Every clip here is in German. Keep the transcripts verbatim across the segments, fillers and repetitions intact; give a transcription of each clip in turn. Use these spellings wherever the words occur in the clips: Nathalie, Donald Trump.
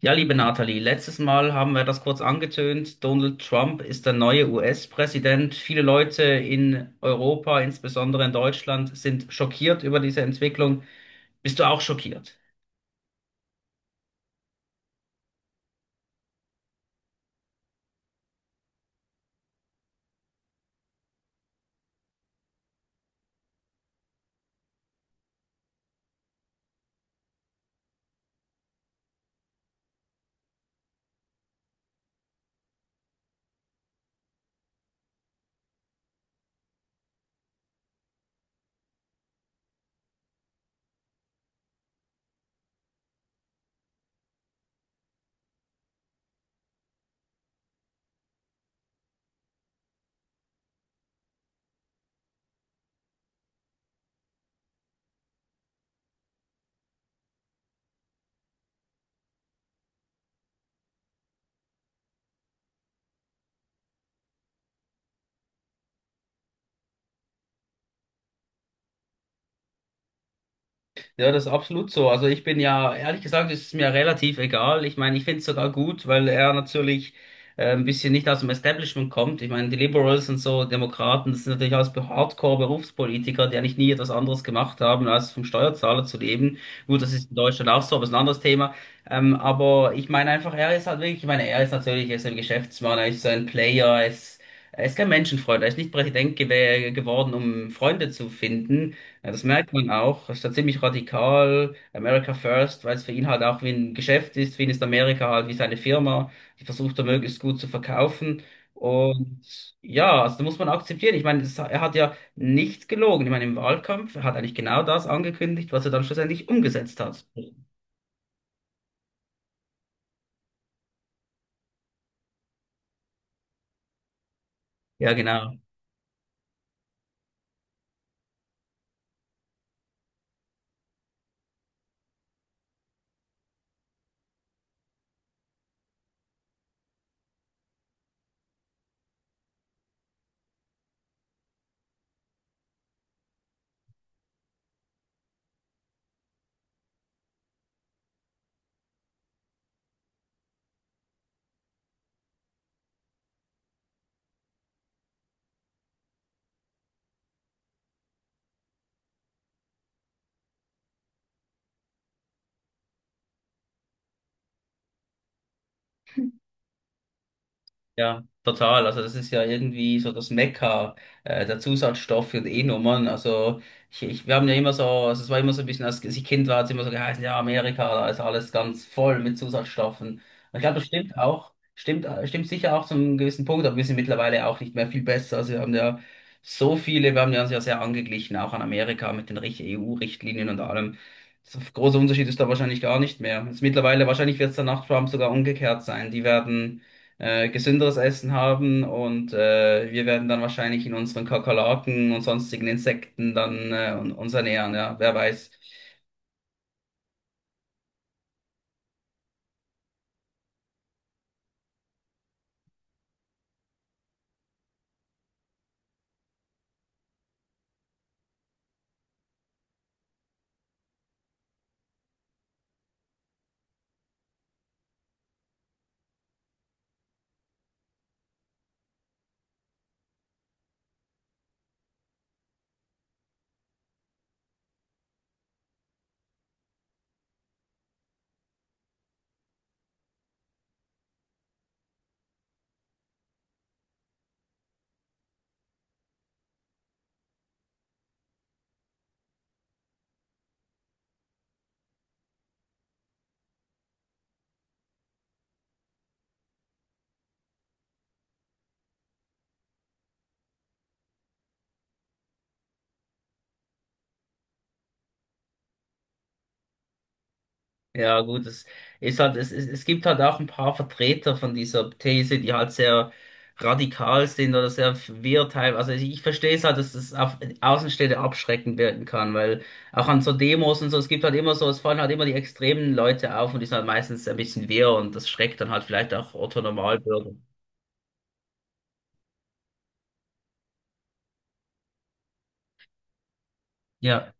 Ja, liebe Nathalie, letztes Mal haben wir das kurz angetönt. Donald Trump ist der neue U S-Präsident. Viele Leute in Europa, insbesondere in Deutschland, sind schockiert über diese Entwicklung. Bist du auch schockiert? Ja, das ist absolut so. Also ich bin ja, ehrlich gesagt, ist es mir relativ egal. Ich meine, ich finde es sogar gut, weil er natürlich äh, ein bisschen nicht aus dem Establishment kommt. Ich meine, die Liberals und so, Demokraten, das sind natürlich alles Hardcore-Berufspolitiker, die eigentlich nie etwas anderes gemacht haben, als vom Steuerzahler zu leben. Gut, das ist in Deutschland auch so, aber ist ein anderes Thema. Ähm, aber ich meine einfach, er ist halt wirklich, ich meine, er ist natürlich, er ist ein Geschäftsmann, er ist so ein Player, er ist, er ist kein Menschenfreund, er ist nicht Präsident gew geworden, um Freunde zu finden. Ja, das merkt man auch. Er ist da ziemlich radikal. America First, weil es für ihn halt auch wie ein Geschäft ist. Für ihn ist Amerika halt wie seine Firma. Die versucht er möglichst gut zu verkaufen. Und ja, also da muss man akzeptieren. Ich meine, das, er hat ja nichts gelogen. Ich meine, im Wahlkampf er hat eigentlich genau das angekündigt, was er dann schlussendlich umgesetzt hat. Ja, genau. Ja, total. Also das ist ja irgendwie so das Mekka äh, der Zusatzstoffe und E-Nummern. Also ich, ich, wir haben ja immer so, also es war immer so ein bisschen, als ich Kind war, hat es immer so geheißen, ja, Amerika, da ist alles ganz voll mit Zusatzstoffen. Und ich glaube, das stimmt auch, stimmt, äh, stimmt sicher auch zu einem gewissen Punkt, aber wir sind mittlerweile auch nicht mehr viel besser. Also wir haben ja so viele, wir haben ja uns ja sehr angeglichen, auch an Amerika mit den Richt- E U-Richtlinien und allem. So großer Unterschied ist da wahrscheinlich gar nicht mehr. Jetzt mittlerweile, wahrscheinlich wird es dann nach Trump sogar umgekehrt sein. Die werden äh, gesünderes Essen haben und äh, wir werden dann wahrscheinlich in unseren Kakerlaken und sonstigen Insekten dann äh, un- uns ernähren, ja, wer weiß. Ja, gut, es ist halt, es, es, es gibt halt auch ein paar Vertreter von dieser These, die halt sehr radikal sind oder sehr wirr teil. Also ich, ich verstehe es halt, dass es auf Außenstehende abschreckend wirken kann, weil auch an so Demos und so, es gibt halt immer so, es fallen halt immer die extremen Leute auf und die sind halt meistens ein bisschen wirr und das schreckt dann halt vielleicht auch Otto Normalbürger. Ja.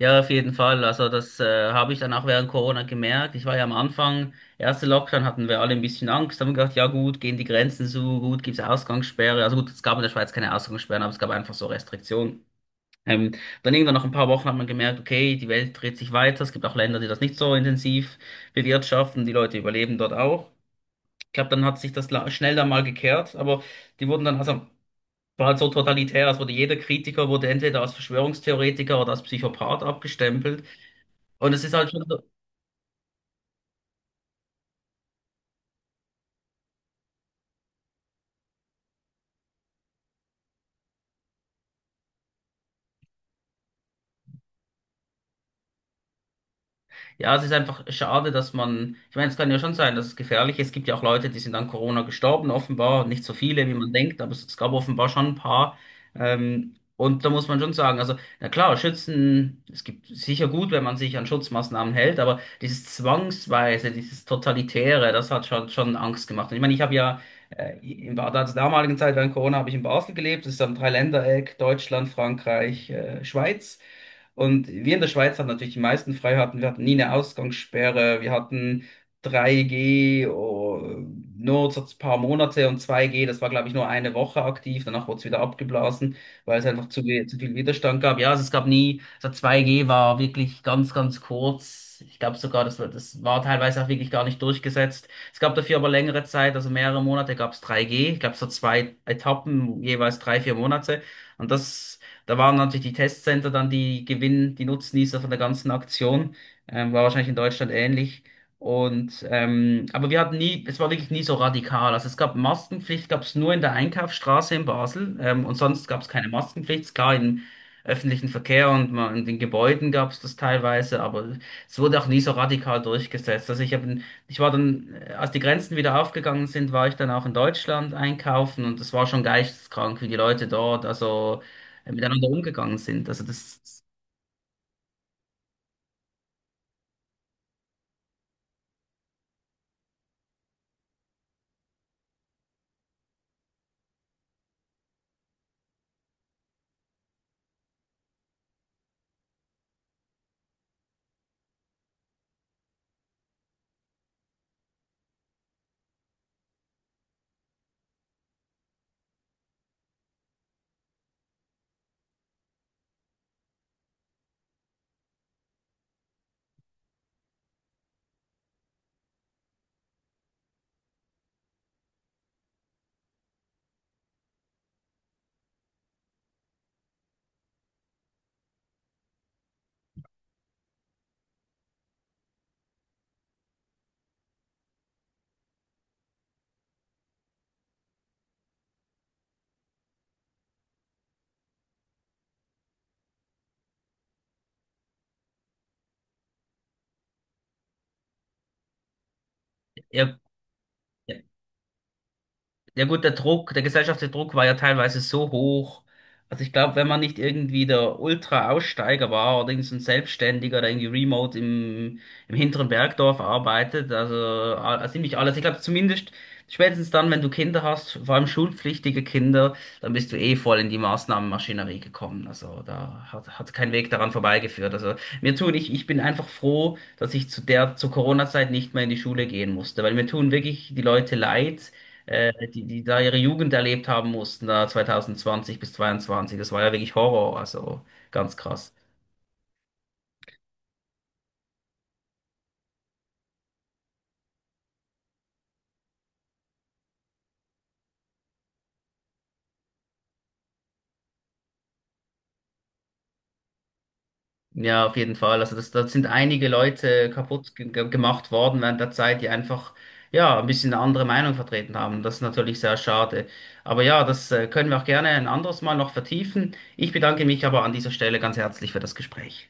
Ja, auf jeden Fall. Also das äh, habe ich dann auch während Corona gemerkt. Ich war ja am Anfang, erste Lockdown hatten wir alle ein bisschen Angst, haben gedacht, ja gut, gehen die Grenzen zu, gut, gibt's Ausgangssperre. Also gut, es gab in der Schweiz keine Ausgangssperren, aber es gab einfach so Restriktionen. Ähm, Dann irgendwann nach ein paar Wochen hat man gemerkt, okay, die Welt dreht sich weiter. Es gibt auch Länder, die das nicht so intensiv bewirtschaften. Die Leute überleben dort auch. Ich glaube, dann hat sich das la- schnell dann mal gekehrt, aber die wurden dann, also war halt so totalitär, es wurde jeder Kritiker, wurde entweder als Verschwörungstheoretiker oder als Psychopath abgestempelt. Und es ist halt schon so, ja, es ist einfach schade, dass man, ich meine, es kann ja schon sein, dass es gefährlich ist. Es gibt ja auch Leute, die sind an Corona gestorben, offenbar, nicht so viele, wie man denkt, aber es, es gab offenbar schon ein paar. Ähm, und da muss man schon sagen, also, na klar, Schützen, es gibt sicher gut, wenn man sich an Schutzmaßnahmen hält, aber dieses Zwangsweise, dieses Totalitäre, das hat schon, schon Angst gemacht. Und ich meine, ich habe ja äh, in Bad, damaligen Zeit während Corona habe ich in Basel gelebt, das ist am Dreiländereck, Deutschland, Frankreich, äh, Schweiz. Und wir in der Schweiz hatten natürlich die meisten Freiheiten. Wir hatten nie eine Ausgangssperre. Wir hatten drei G oh, nur so ein paar Monate und zwei G, das war, glaube ich, nur eine Woche aktiv. Danach wurde es wieder abgeblasen, weil es einfach zu, we- zu viel Widerstand gab. Ja, also es gab nie, so zwei G war wirklich ganz, ganz kurz. Ich glaube sogar, das, war- das war teilweise auch wirklich gar nicht durchgesetzt. Es gab dafür aber längere Zeit, also mehrere Monate gab es drei G. Ich glaube, so zwei Etappen, jeweils drei, vier Monate. Und das Da waren natürlich die Testcenter dann die Gewinn, die Nutznießer von der ganzen Aktion. Ähm, war wahrscheinlich in Deutschland ähnlich. Und ähm, aber wir hatten nie, es war wirklich nie so radikal. Also es gab Maskenpflicht, gab es nur in der Einkaufsstraße in Basel, ähm, und sonst gab es keine Maskenpflicht. Klar, im öffentlichen Verkehr und mal in den Gebäuden gab es das teilweise, aber es wurde auch nie so radikal durchgesetzt. Also ich habe, ich war dann, äh, als die Grenzen wieder aufgegangen sind, war ich dann auch in Deutschland einkaufen und das war schon geisteskrank, wie die Leute dort, also miteinander umgegangen sind. Also das, ja, ja, ja gut, der Druck, der gesellschaftliche Druck war ja teilweise so hoch. Also ich glaube, wenn man nicht irgendwie der Ultra-Aussteiger war oder irgend so ein Selbstständiger, oder irgendwie remote im, im hinteren Bergdorf arbeitet, also a- ziemlich alles. Ich glaube zumindest spätestens dann, wenn du Kinder hast, vor allem schulpflichtige Kinder, dann bist du eh voll in die Maßnahmenmaschinerie gekommen. Also da hat, hat kein Weg daran vorbeigeführt. Also mir tun, ich, ich bin einfach froh, dass ich zu der, zur Corona-Zeit nicht mehr in die Schule gehen musste, weil mir tun wirklich die Leute leid äh, die, die da ihre Jugend erlebt haben mussten, da zwanzig zwanzig bis zweiundzwanzig. Das war ja wirklich Horror, also ganz krass. Ja, auf jeden Fall. Also das, das sind einige Leute kaputt ge ge- gemacht worden während der Zeit, die einfach ja ein bisschen eine andere Meinung vertreten haben. Das ist natürlich sehr schade. Aber ja, das äh, können wir auch gerne ein anderes Mal noch vertiefen. Ich bedanke mich aber an dieser Stelle ganz herzlich für das Gespräch.